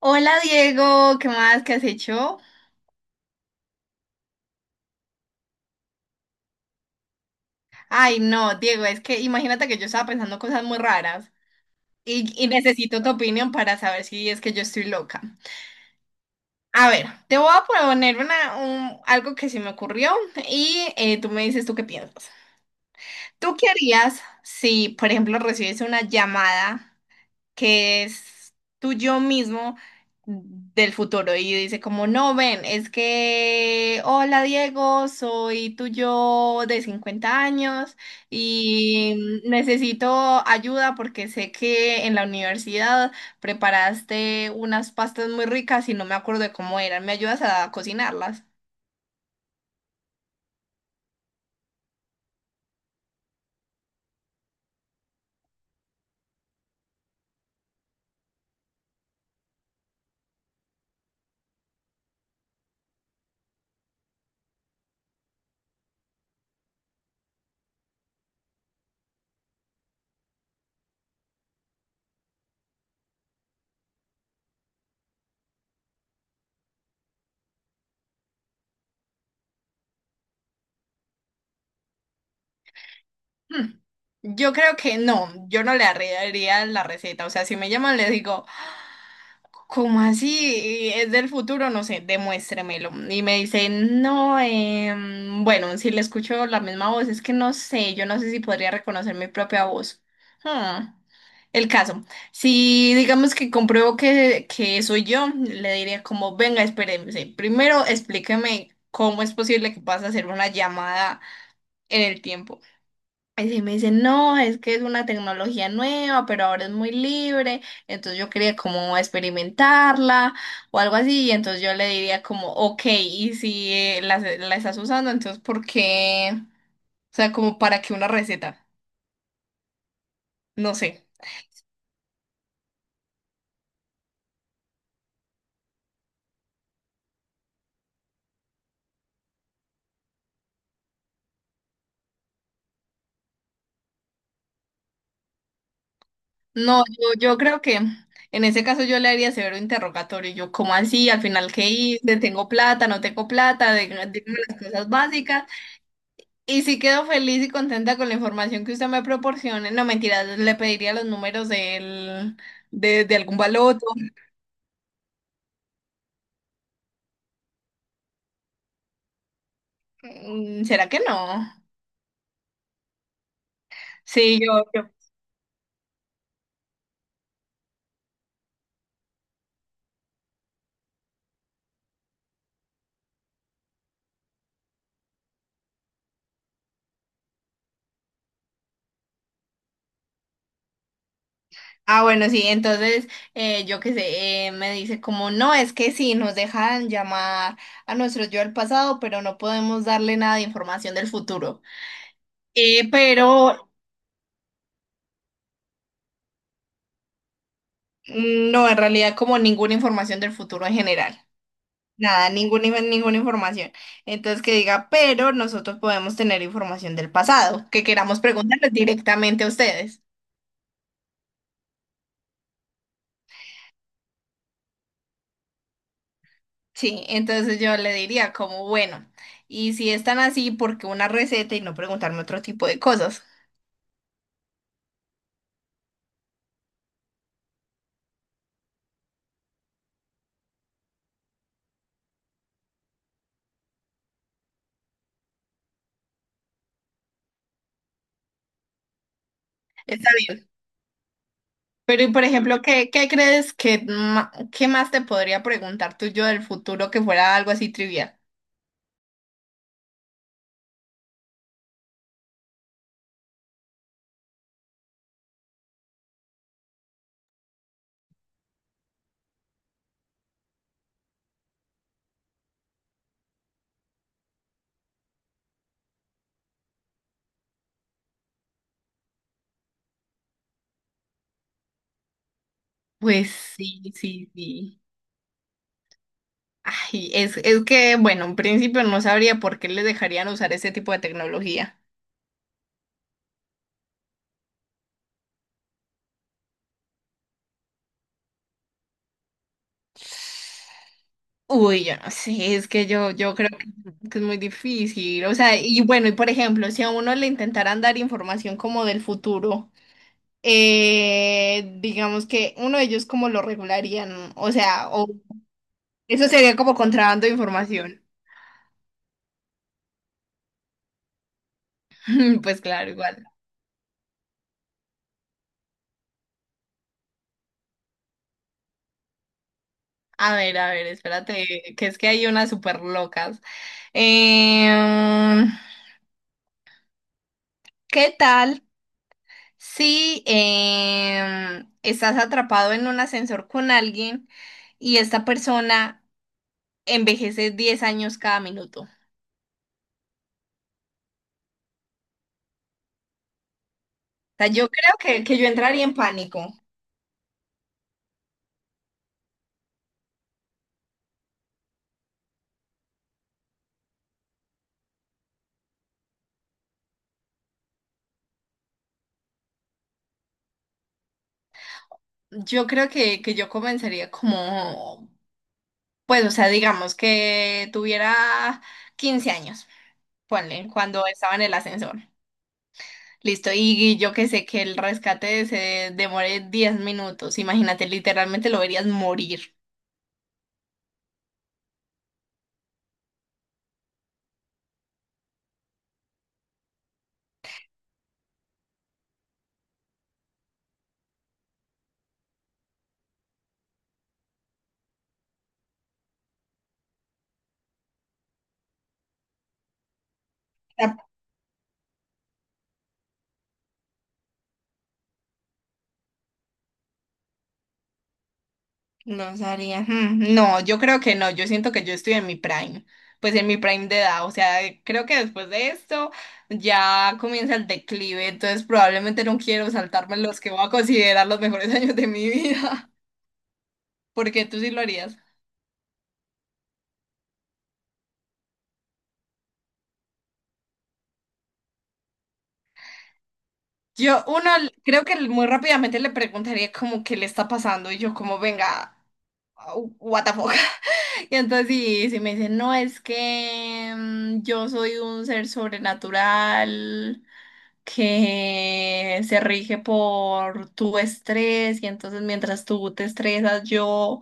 Hola Diego, ¿qué más? ¿Qué has hecho? Ay, no, Diego, es que imagínate que yo estaba pensando cosas muy raras y necesito tu opinión para saber si es que yo estoy loca. A ver, te voy a poner algo que se me ocurrió y tú me dices tú qué piensas. ¿Tú qué harías si, por ejemplo, recibes una llamada que es tu yo mismo del futuro y dice como, no, ven, es que, hola Diego, soy tu yo de 50 años y necesito ayuda porque sé que en la universidad preparaste unas pastas muy ricas y no me acuerdo de cómo eran? ¿Me ayudas a cocinarlas? Hmm. Yo creo que no, yo no le arreglaría la receta, o sea, si me llaman les digo... ¿Cómo así? ¿Es del futuro? No sé, demuéstremelo. Y me dice, no, bueno, si le escucho la misma voz, es que no sé, yo no sé si podría reconocer mi propia voz. Hmm. El caso, si digamos que compruebo que, soy yo, le diría como, venga, espérese, primero explíqueme cómo es posible que pase a hacer una llamada en el tiempo. Y sí me dicen, no, es que es una tecnología nueva, pero ahora es muy libre, entonces yo quería como experimentarla o algo así, y entonces yo le diría como, ok, y si la estás usando, entonces ¿por qué? O sea, como para qué una receta, no sé. No, yo creo que en ese caso yo le haría severo interrogatorio, yo, ¿cómo así? Al final, ¿qué hice? ¿Tengo plata? ¿No tengo plata? Dígame, dígame las cosas básicas. Y sí quedo feliz y contenta con la información que usted me proporcione. No, mentira, le pediría los números de algún baloto. Mm, ¿será que no? Sí, yo, yo. Ah, bueno, sí, entonces, me dice como, no, es que sí, nos dejan llamar a nuestro yo del pasado, pero no podemos darle nada de información del futuro. Eh, pero no, en realidad como ninguna información del futuro en general. Nada, ninguna, ninguna información. Entonces que diga, pero nosotros podemos tener información del pasado, que queramos preguntarles directamente a ustedes. Sí, entonces yo le diría como, bueno, y si están así, ¿por qué una receta y no preguntarme otro tipo de cosas? Está bien. Pero, y por ejemplo, ¿qué crees que, qué más te podría preguntar tú yo del futuro que fuera algo así trivial? Pues sí, sí, sí. Ay, es que, bueno, en principio no sabría por qué les dejarían usar ese tipo de tecnología. Uy, yo no sé, es que yo creo que es muy difícil. O sea, y bueno, y por ejemplo, si a uno le intentaran dar información como del futuro, digamos que uno de ellos como lo regularían, o sea, o eso sería como contrabando de información. Pues claro, igual. A ver, espérate, que es que hay unas súper locas. Eh, ¿Qué tal si estás atrapado en un ascensor con alguien y esta persona envejece 10 años cada minuto? O sea, yo creo que yo entraría en pánico. Yo creo que yo comenzaría como, pues, o sea, digamos que tuviera 15 años, ponle, cuando estaba en el ascensor. Listo, y yo que sé que el rescate se demore 10 minutos. Imagínate, literalmente lo verías morir. Los haría. Hmm, no, yo creo que no. Yo siento que yo estoy en mi prime. Pues en mi prime de edad. O sea, creo que después de esto ya comienza el declive. Entonces probablemente no quiero saltarme los que voy a considerar los mejores años de mi vida. Porque tú sí lo harías. Yo, uno, creo que muy rápidamente le preguntaría como qué le está pasando. Y yo como, venga, what the fuck. Y entonces si me dicen, no, es que yo soy un ser sobrenatural que se rige por tu estrés, y entonces mientras tú te estresas, yo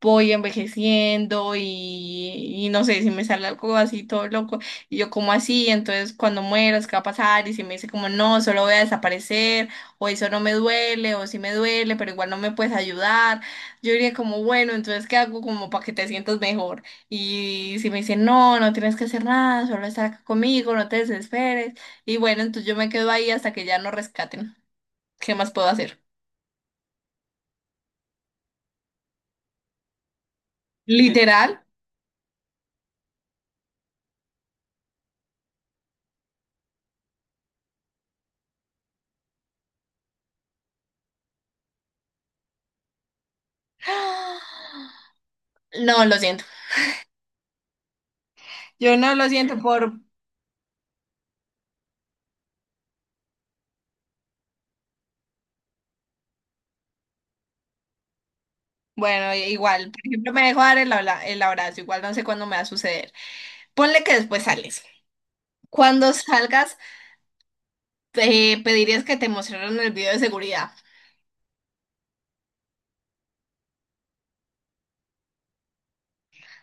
voy envejeciendo y no sé, si me sale algo así todo loco, y yo como así, entonces cuando mueras, ¿qué va a pasar? Y si me dice como no, solo voy a desaparecer, o eso no me duele, o sí me duele, pero igual no me puedes ayudar, yo diría como bueno, entonces ¿qué hago como para que te sientas mejor? Y si me dice no, no tienes que hacer nada, solo estar acá conmigo, no te desesperes, y bueno, entonces yo me quedo ahí hasta que ya nos rescaten. ¿Qué más puedo hacer? Literal. No, lo siento. Yo no lo siento bueno, igual, por ejemplo, me dejo dar el, el abrazo, igual no sé cuándo me va a suceder. Ponle que después sales. Cuando salgas, te pedirías que te mostraran el video de seguridad.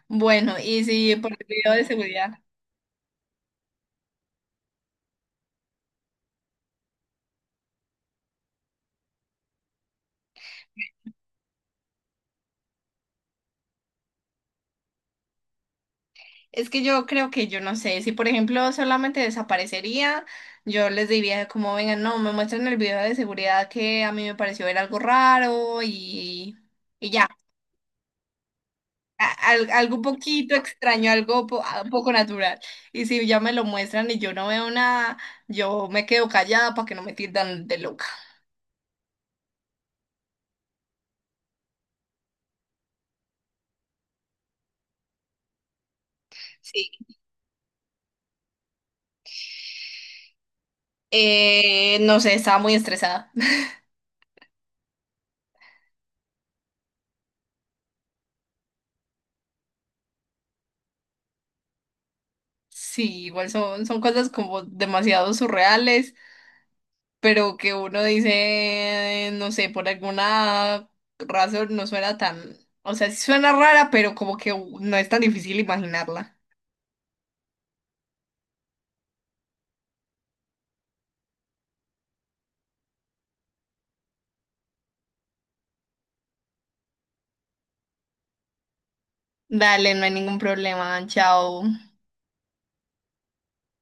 Bueno, y si por el video de seguridad. Es que yo creo que yo no sé, si por ejemplo solamente desaparecería, yo les diría como, vengan, no, me muestran el video de seguridad que a mí me pareció ver algo raro, y ya. Algo un poquito extraño, algo poco natural. Y si ya me lo muestran y yo no veo nada, yo me quedo callada para que no me tildan de loca. Sí, no sé, estaba muy estresada. Sí, igual son, son cosas como demasiado surreales, pero que uno dice, no sé, por alguna razón no suena tan, o sea, sí suena rara, pero como que no es tan difícil imaginarla. Dale, no hay ningún problema, chao.